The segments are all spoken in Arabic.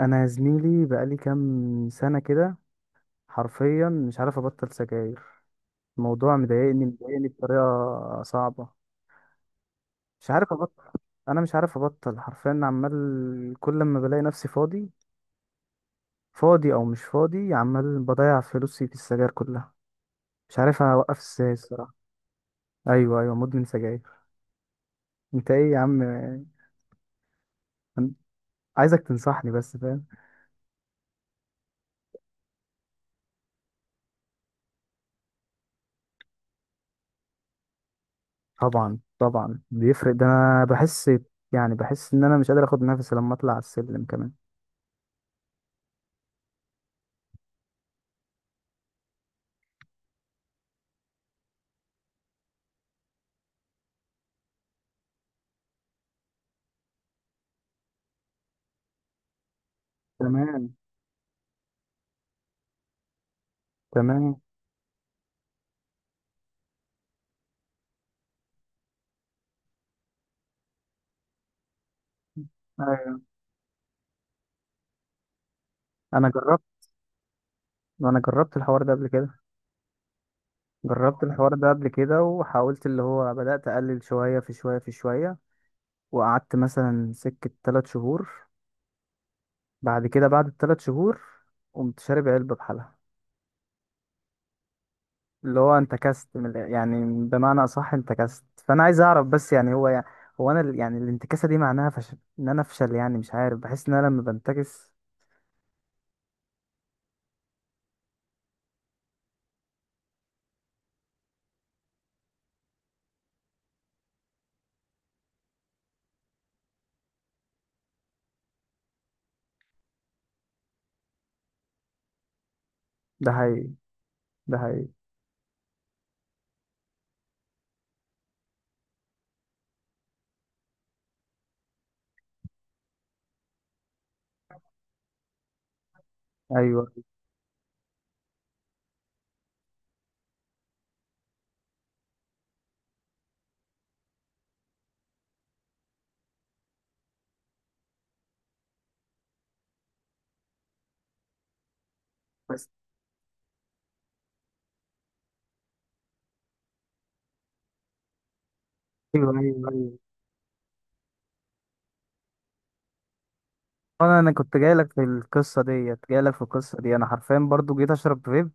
انا يا زميلي بقالي كام سنه كده. حرفيا مش عارف ابطل سجاير. الموضوع مضايقني مضايقني بطريقه صعبه. مش عارف ابطل. انا مش عارف ابطل حرفيا، عمال كل ما بلاقي نفسي فاضي. فاضي او مش فاضي عمال بضيع فلوسي في السجاير كلها. مش عارف اوقف ازاي الصراحه. ايوه ايوه، مدمن سجاير. انت ايه يا عم؟ أنا عايزك تنصحني بس، فاهم؟ طبعا طبعا بيفرق ده، انا بحس. يعني بحس ان انا مش قادر اخد نفسي لما اطلع على السلم كمان. تمام. تمام. ايوه. انا جربت انا جربت الحوار ده قبل كده. جربت الحوار ده قبل كده وحاولت اللي هو بدأت اقلل شوية في شوية في شوية. وقعدت مثلا سكة 3 شهور. بعد كده، بعد ال3 شهور، قمت شارب علبة بحالها. اللي هو انت كست يعني بمعنى اصح انت كست، فانا عايز اعرف بس، يعني هو، يعني هو انا يعني الانتكاسة دي معناها فشل ان انا افشل، يعني مش عارف بحس ان انا لما بنتكس. ده هي، ده هي. ايوه بس. ايوه ايوه أيوه. انا كنت جاي لك في القصه دي، انا حرفيا برضو جيت اشرب فيب.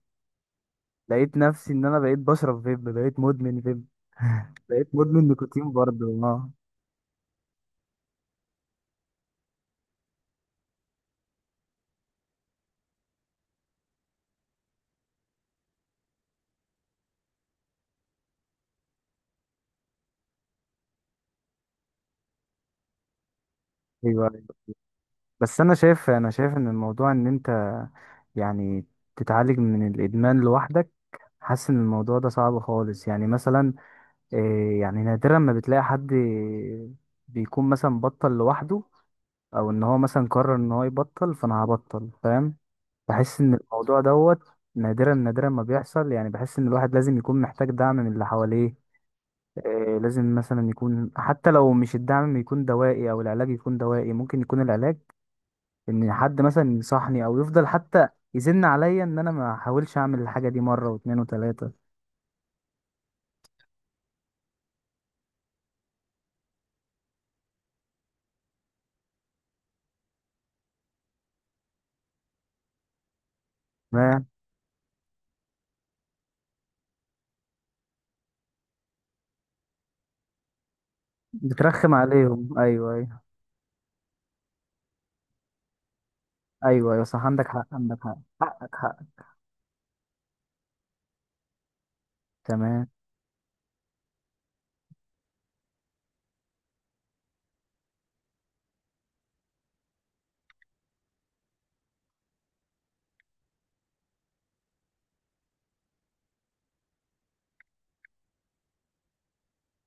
لقيت نفسي ان انا بقيت بشرب فيب، بقيت مدمن فيب. بقيت مدمن نيكوتين برضو، اه. ايوه أيوة. بس انا شايف ان الموضوع ان انت، يعني تتعالج من الادمان لوحدك. حاسس ان الموضوع ده صعب خالص، يعني مثلا إيه، يعني نادرا ما بتلاقي حد بيكون مثلا بطل لوحده، او ان هو مثلا قرر ان هو يبطل فانا هبطل، فاهم. بحس ان الموضوع دوت. نادرا نادرا ما بيحصل، يعني بحس ان الواحد لازم يكون محتاج دعم من اللي حواليه. لازم مثلا يكون حتى لو مش الدعم يكون دوائي، او العلاج يكون دوائي، ممكن يكون العلاج ان حد مثلا ينصحني او يفضل حتى يزن عليا ان انا ما احاولش اعمل الحاجه دي مره واتنين وتلاته. ما بترخم عليهم، ايوه ايوه. ايوه ايوه صح، عندك حق عندك حق، حقك حقك. تمام.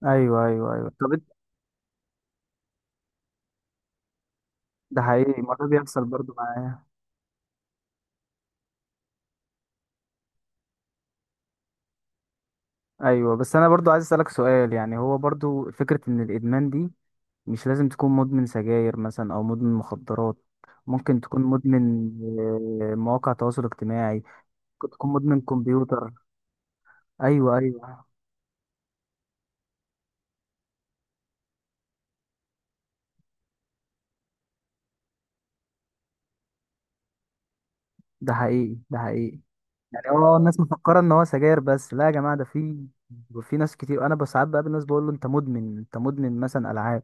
ايوه ايوه ايوه، طب ده حقيقي الموضوع بيحصل برضو معايا. ايوه، بس انا برضو عايز اسالك سؤال، يعني هو برضو فكره ان الادمان دي مش لازم تكون مدمن سجاير مثلا، او مدمن مخدرات. ممكن تكون مدمن مواقع تواصل اجتماعي. ممكن تكون مدمن كمبيوتر. ايوه ايوه، ده حقيقي، ده حقيقي. يعني هو الناس مفكره ان هو سجاير بس، لا يا جماعه، ده في. في ناس كتير انا بساعات بقابل ناس بقول له انت مدمن، انت مدمن مثلا العاب.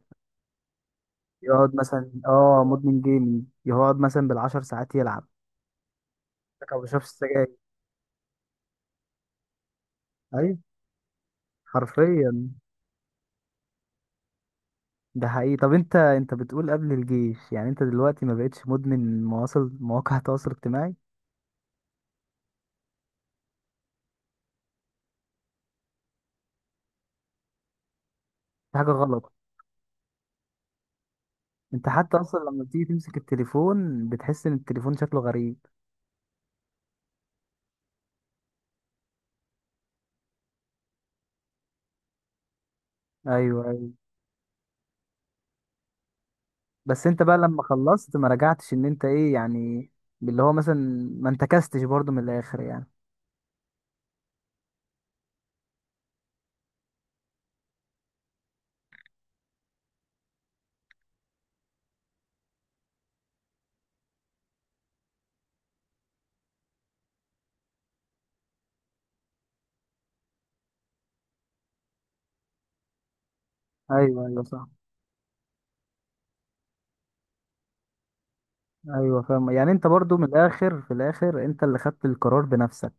يقعد مثلا مدمن جيمنج، يقعد مثلا بالعشر ساعات يلعب. لكن ما بيشربش السجاير. ايوه. حرفيا. ده حقيقي، طب انت بتقول قبل الجيش، يعني انت دلوقتي ما بقتش مدمن مواصل مواقع التواصل الاجتماعي. دي حاجة غلط. انت حتى اصلا لما بتيجي تمسك التليفون، بتحس ان التليفون شكله غريب. ايوه ايوه. بس انت بقى لما خلصت ما رجعتش، ان انت ايه يعني؟ اللي هو مثلا ما انتكستش برضو من الاخر يعني. ايوه ايوه صح. ايوه فاهم، يعني انت برضو من الاخر، في الاخر انت اللي خدت القرار بنفسك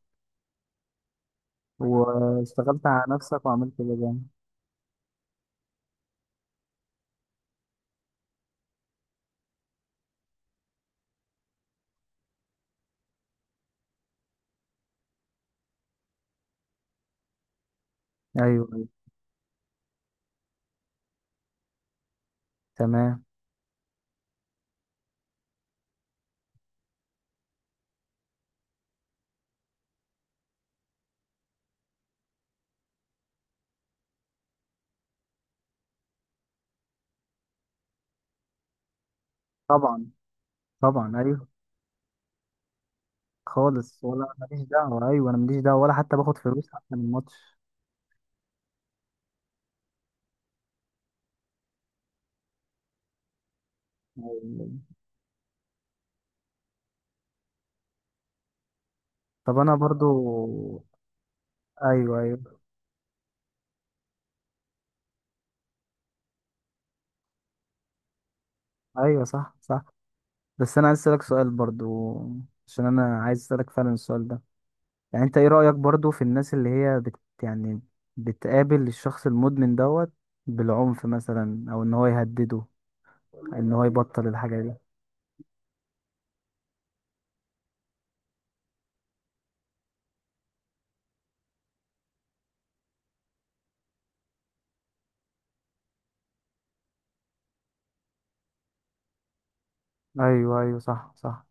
واشتغلت على نفسك وعملت اللي جنبك. ايوه ايوه تمام. طبعا طبعا ايوه. خالص، ولا أنا ماليش دعوة، أيوة، أنا ماليش دعوة ولا حتى باخد فلوس حتى من الماتش. طب أنا برضو، أيوة أيوة أيوة صح صح. بس أنا عايز أسألك سؤال برضو، عشان أنا عايز أسألك فعلا السؤال ده. يعني أنت إيه رأيك برضو في الناس اللي هي يعني بتقابل الشخص المدمن دوت بالعنف مثلا، أو إن هو يهدده إن هو يبطل الحاجة دي. أيوة أيوة صح صح.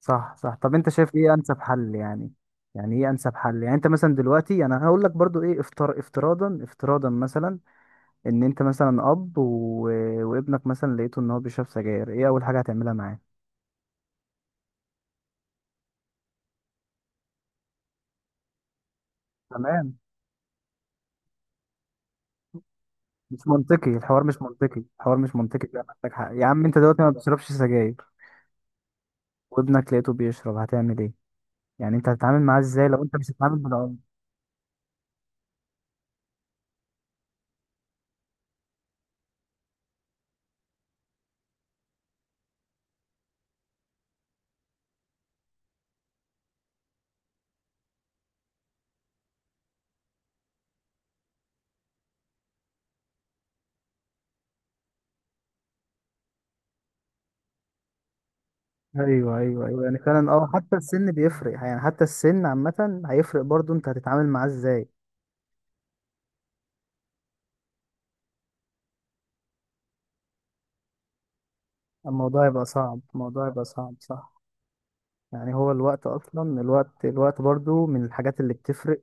صح صح، طب انت شايف ايه انسب حل يعني؟ يعني ايه انسب حل، يعني انت مثلا دلوقتي، يعني انا هقول لك برضو ايه افتراضا مثلا ان انت مثلا اب و... وابنك مثلا لقيته ان هو بيشرب سجاير، ايه اول حاجه هتعملها معاه؟ تمام. مش منطقي الحوار، مش منطقي الحوار، مش منطقي، ده محتاج حق يا عم، انت دلوقتي ما بتشربش سجاير وابنك لقيته بيشرب، هتعمل ايه؟ يعني انت هتتعامل معاه ازاي لو انت مش هتتعامل بالعنف؟ ايوه ايوه ايوه، يعني فعلا حتى السن بيفرق، يعني حتى السن عامه هيفرق برضو، انت هتتعامل معاه ازاي؟ الموضوع يبقى صعب، الموضوع يبقى صعب، صح. يعني هو الوقت اصلا، الوقت برضو من الحاجات اللي بتفرق.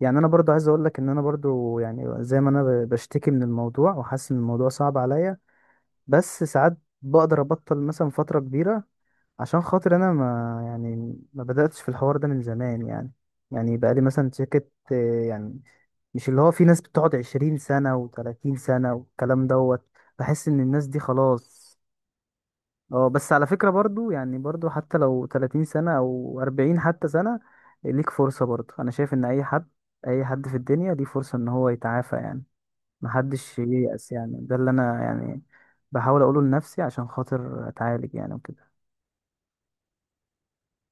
يعني انا برضو عايز اقول لك ان انا برضو، يعني زي ما انا بشتكي من الموضوع، وحاسس ان الموضوع صعب عليا. بس ساعات بقدر ابطل مثلا فترة كبيرة، عشان خاطر انا ما يعني ما بدأتش في الحوار ده من زمان يعني. يعني بقالي مثلا سكة، يعني مش اللي هو في ناس بتقعد 20 سنة و30 سنة والكلام دوت. بحس ان الناس دي خلاص. اه بس على فكرة برضو، يعني برضو حتى لو 30 سنة او 40 حتى سنة، ليك فرصة برضو. انا شايف ان اي حد، اي حد في الدنيا ليه فرصة ان هو يتعافى يعني. محدش ييأس، يعني ده اللي انا يعني بحاول اقوله لنفسي عشان خاطر اتعالج يعني، وكده.